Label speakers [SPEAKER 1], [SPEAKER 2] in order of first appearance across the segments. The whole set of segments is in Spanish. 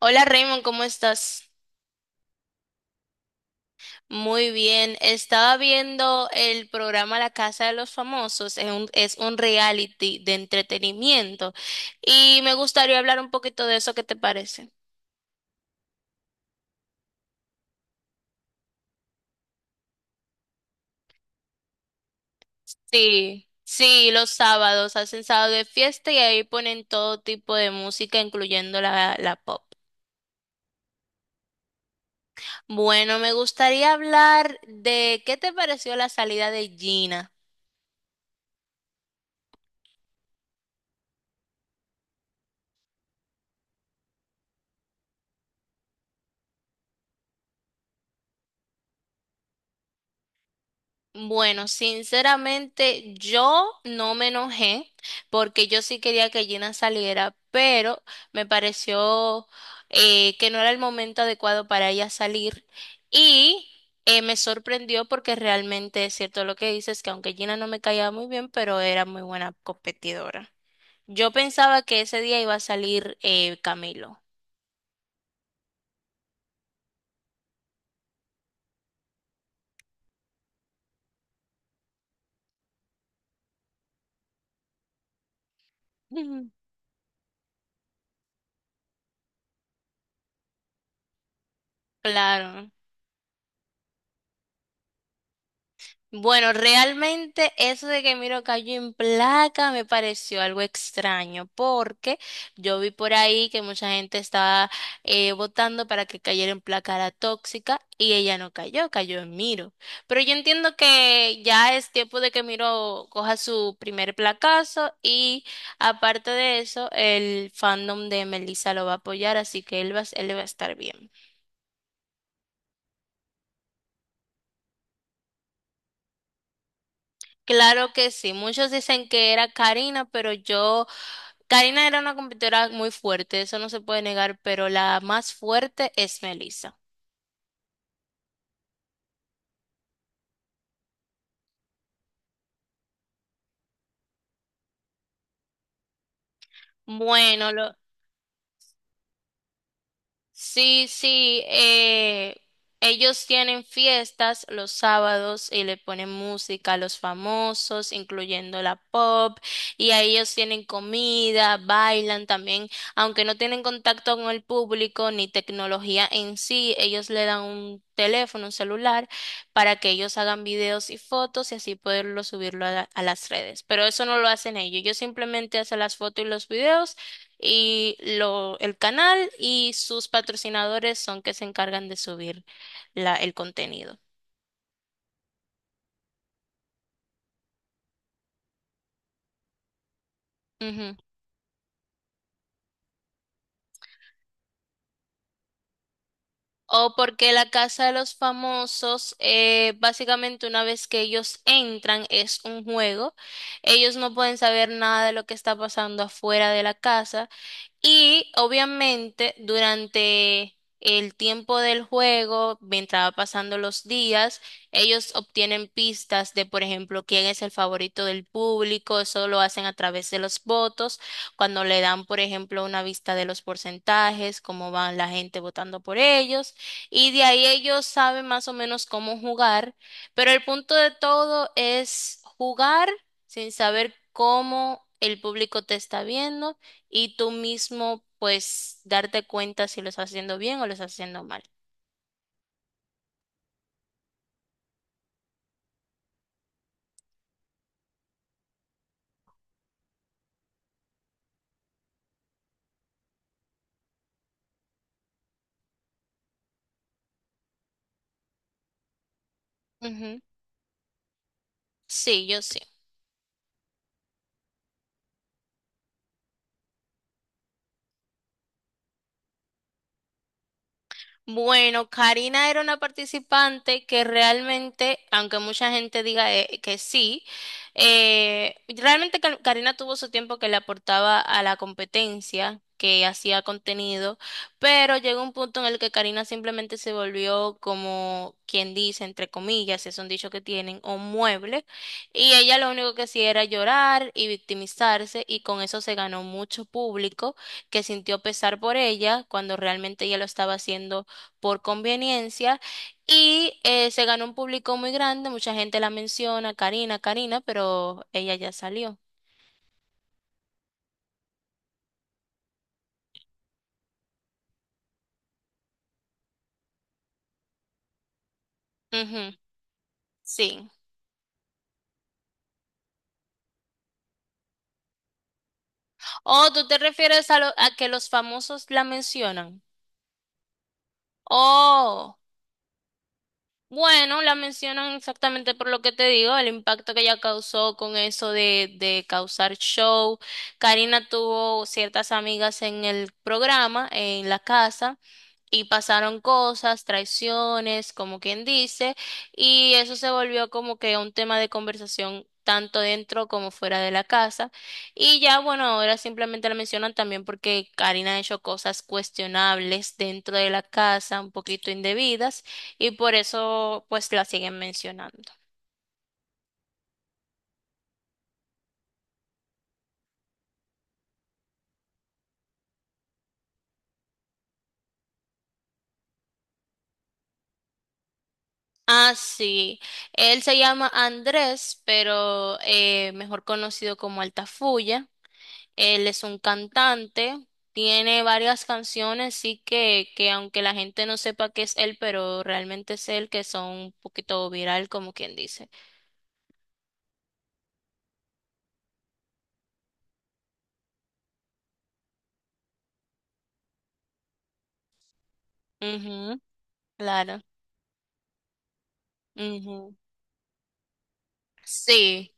[SPEAKER 1] Hola Raymond, ¿cómo estás? Muy bien. Estaba viendo el programa La Casa de los Famosos. Es un reality de entretenimiento y me gustaría hablar un poquito de eso. ¿Qué te parece? Sí, sí, los sábados hacen sábado de fiesta y ahí ponen todo tipo de música, incluyendo la pop. Bueno, me gustaría hablar de qué te pareció la salida de Gina. Bueno, sinceramente yo no me enojé porque yo sí quería que Gina saliera, pero me pareció que no era el momento adecuado para ella salir y me sorprendió porque realmente es cierto lo que dices, que aunque Gina no me caía muy bien, pero era muy buena competidora. Yo pensaba que ese día iba a salir Camilo. Claro. Bueno, realmente eso de que Miro cayó en placa me pareció algo extraño, porque yo vi por ahí que mucha gente estaba votando para que cayera en placa la tóxica y ella no cayó, cayó en Miro. Pero yo entiendo que ya es tiempo de que Miro coja su primer placazo y aparte de eso, el fandom de Melissa lo va a apoyar, así que él va a estar bien. Claro que sí, muchos dicen que era Karina, pero yo, Karina era una competidora muy fuerte, eso no se puede negar, pero la más fuerte es Melissa. Bueno, sí, sí, ellos tienen fiestas los sábados y le ponen música a los famosos, incluyendo la pop, y a ellos tienen comida, bailan también, aunque no tienen contacto con el público ni tecnología en sí, ellos le dan un teléfono, un celular, para que ellos hagan videos y fotos y así poderlo subirlo a, a las redes. Pero eso no lo hacen ellos, ellos simplemente hacen las fotos y los videos y lo, el canal y sus patrocinadores son que se encargan de subir la, el contenido. Ujú. O porque la Casa de los Famosos, básicamente una vez que ellos entran, es un juego. Ellos no pueden saber nada de lo que está pasando afuera de la casa. Y obviamente durante el tiempo del juego, mientras va pasando los días, ellos obtienen pistas de, por ejemplo, quién es el favorito del público. Eso lo hacen a través de los votos, cuando le dan, por ejemplo, una vista de los porcentajes, cómo van la gente votando por ellos. Y de ahí ellos saben más o menos cómo jugar. Pero el punto de todo es jugar sin saber cómo el público te está viendo y tú mismo pues darte cuenta si lo estás haciendo bien o lo estás haciendo mal. Ujú. Sí, yo. Bueno, Karina era una participante que realmente, aunque mucha gente diga que sí, realmente Karina tuvo su tiempo que le aportaba a la competencia, que hacía contenido, pero llegó un punto en el que Karina simplemente se volvió como quien dice, entre comillas, es un dicho que tienen, un mueble, y ella lo único que hacía era llorar y victimizarse, y con eso se ganó mucho público que sintió pesar por ella cuando realmente ella lo estaba haciendo por conveniencia y se ganó un público muy grande, mucha gente la menciona, Karina, Karina, pero ella ya salió. Ujú, sí. Oh, ¿tú te refieres a, a que los famosos la mencionan? Oh, bueno, la mencionan exactamente por lo que te digo, el impacto que ella causó con eso de causar show. Karina tuvo ciertas amigas en el programa, en la casa. Y pasaron cosas, traiciones, como quien dice, y eso se volvió como que un tema de conversación tanto dentro como fuera de la casa. Y ya, bueno, ahora simplemente la mencionan también porque Karina ha hecho cosas cuestionables dentro de la casa, un poquito indebidas, y por eso pues la siguen mencionando. Ah, sí, él se llama Andrés, pero mejor conocido como Altafulla. Él es un cantante, tiene varias canciones, sí que aunque la gente no sepa que es él, pero realmente es él, que son un poquito viral, como quien dice. Ujú, claro. Ujú. Sí.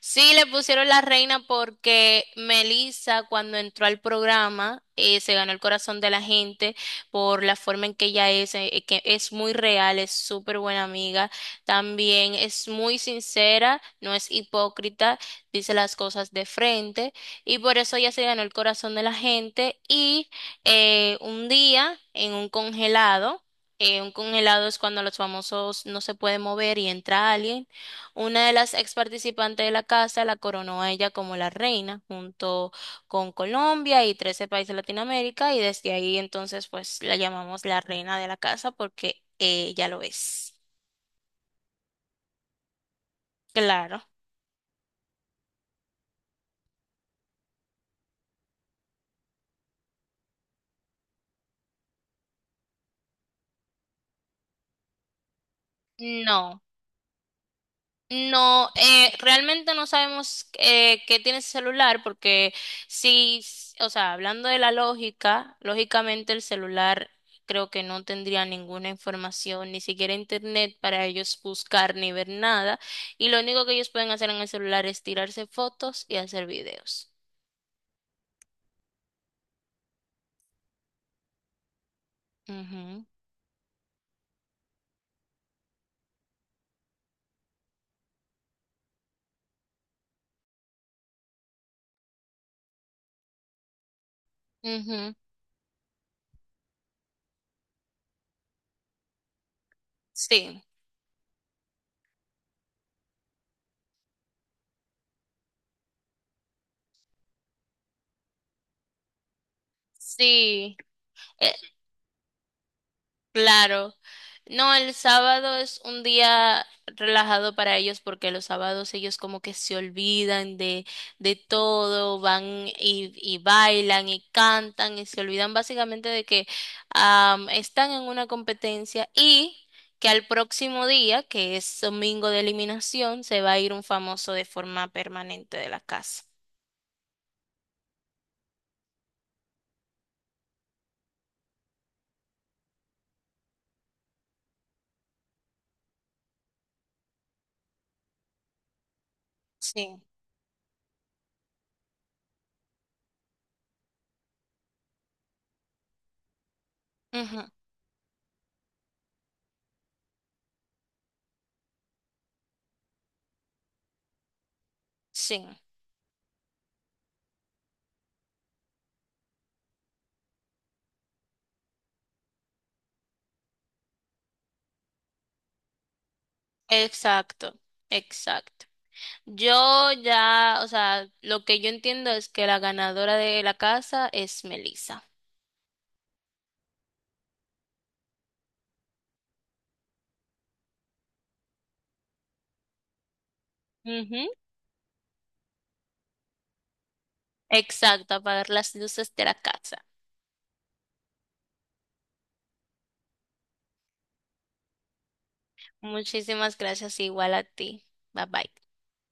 [SPEAKER 1] Sí, le pusieron la reina porque Melissa, cuando entró al programa, se ganó el corazón de la gente por la forma en que ella es, que es muy real, es súper buena amiga, también es muy sincera, no es hipócrita, dice las cosas de frente y por eso ella se ganó el corazón de la gente y un día en un congelado. Un congelado es cuando los famosos no se pueden mover y entra alguien. Una de las ex participantes de la casa la coronó a ella como la reina, junto con Colombia y 13 países de Latinoamérica, y desde ahí entonces pues la llamamos la reina de la casa porque ella lo es. Claro. No. No, realmente no sabemos qué tiene ese celular porque sí, o sea, hablando de la lógica, lógicamente el celular creo que no tendría ninguna información, ni siquiera internet para ellos buscar ni ver nada. Y lo único que ellos pueden hacer en el celular es tirarse fotos y hacer videos. Ujú, ujú, sí, sí. Eh, Claro. No, el sábado es un día relajado para ellos porque los sábados ellos como que se olvidan de todo, van y bailan y cantan y se olvidan básicamente de que están en una competencia y que al próximo día, que es domingo de eliminación, se va a ir un famoso de forma permanente de la casa. Sí. Ujú, sí, exacto, exacto. Yo ya, o sea, lo que yo entiendo es que la ganadora de la casa es Melissa. Ujú. Exacto, apagar las luces de la casa. Muchísimas gracias, igual a ti. Bye bye.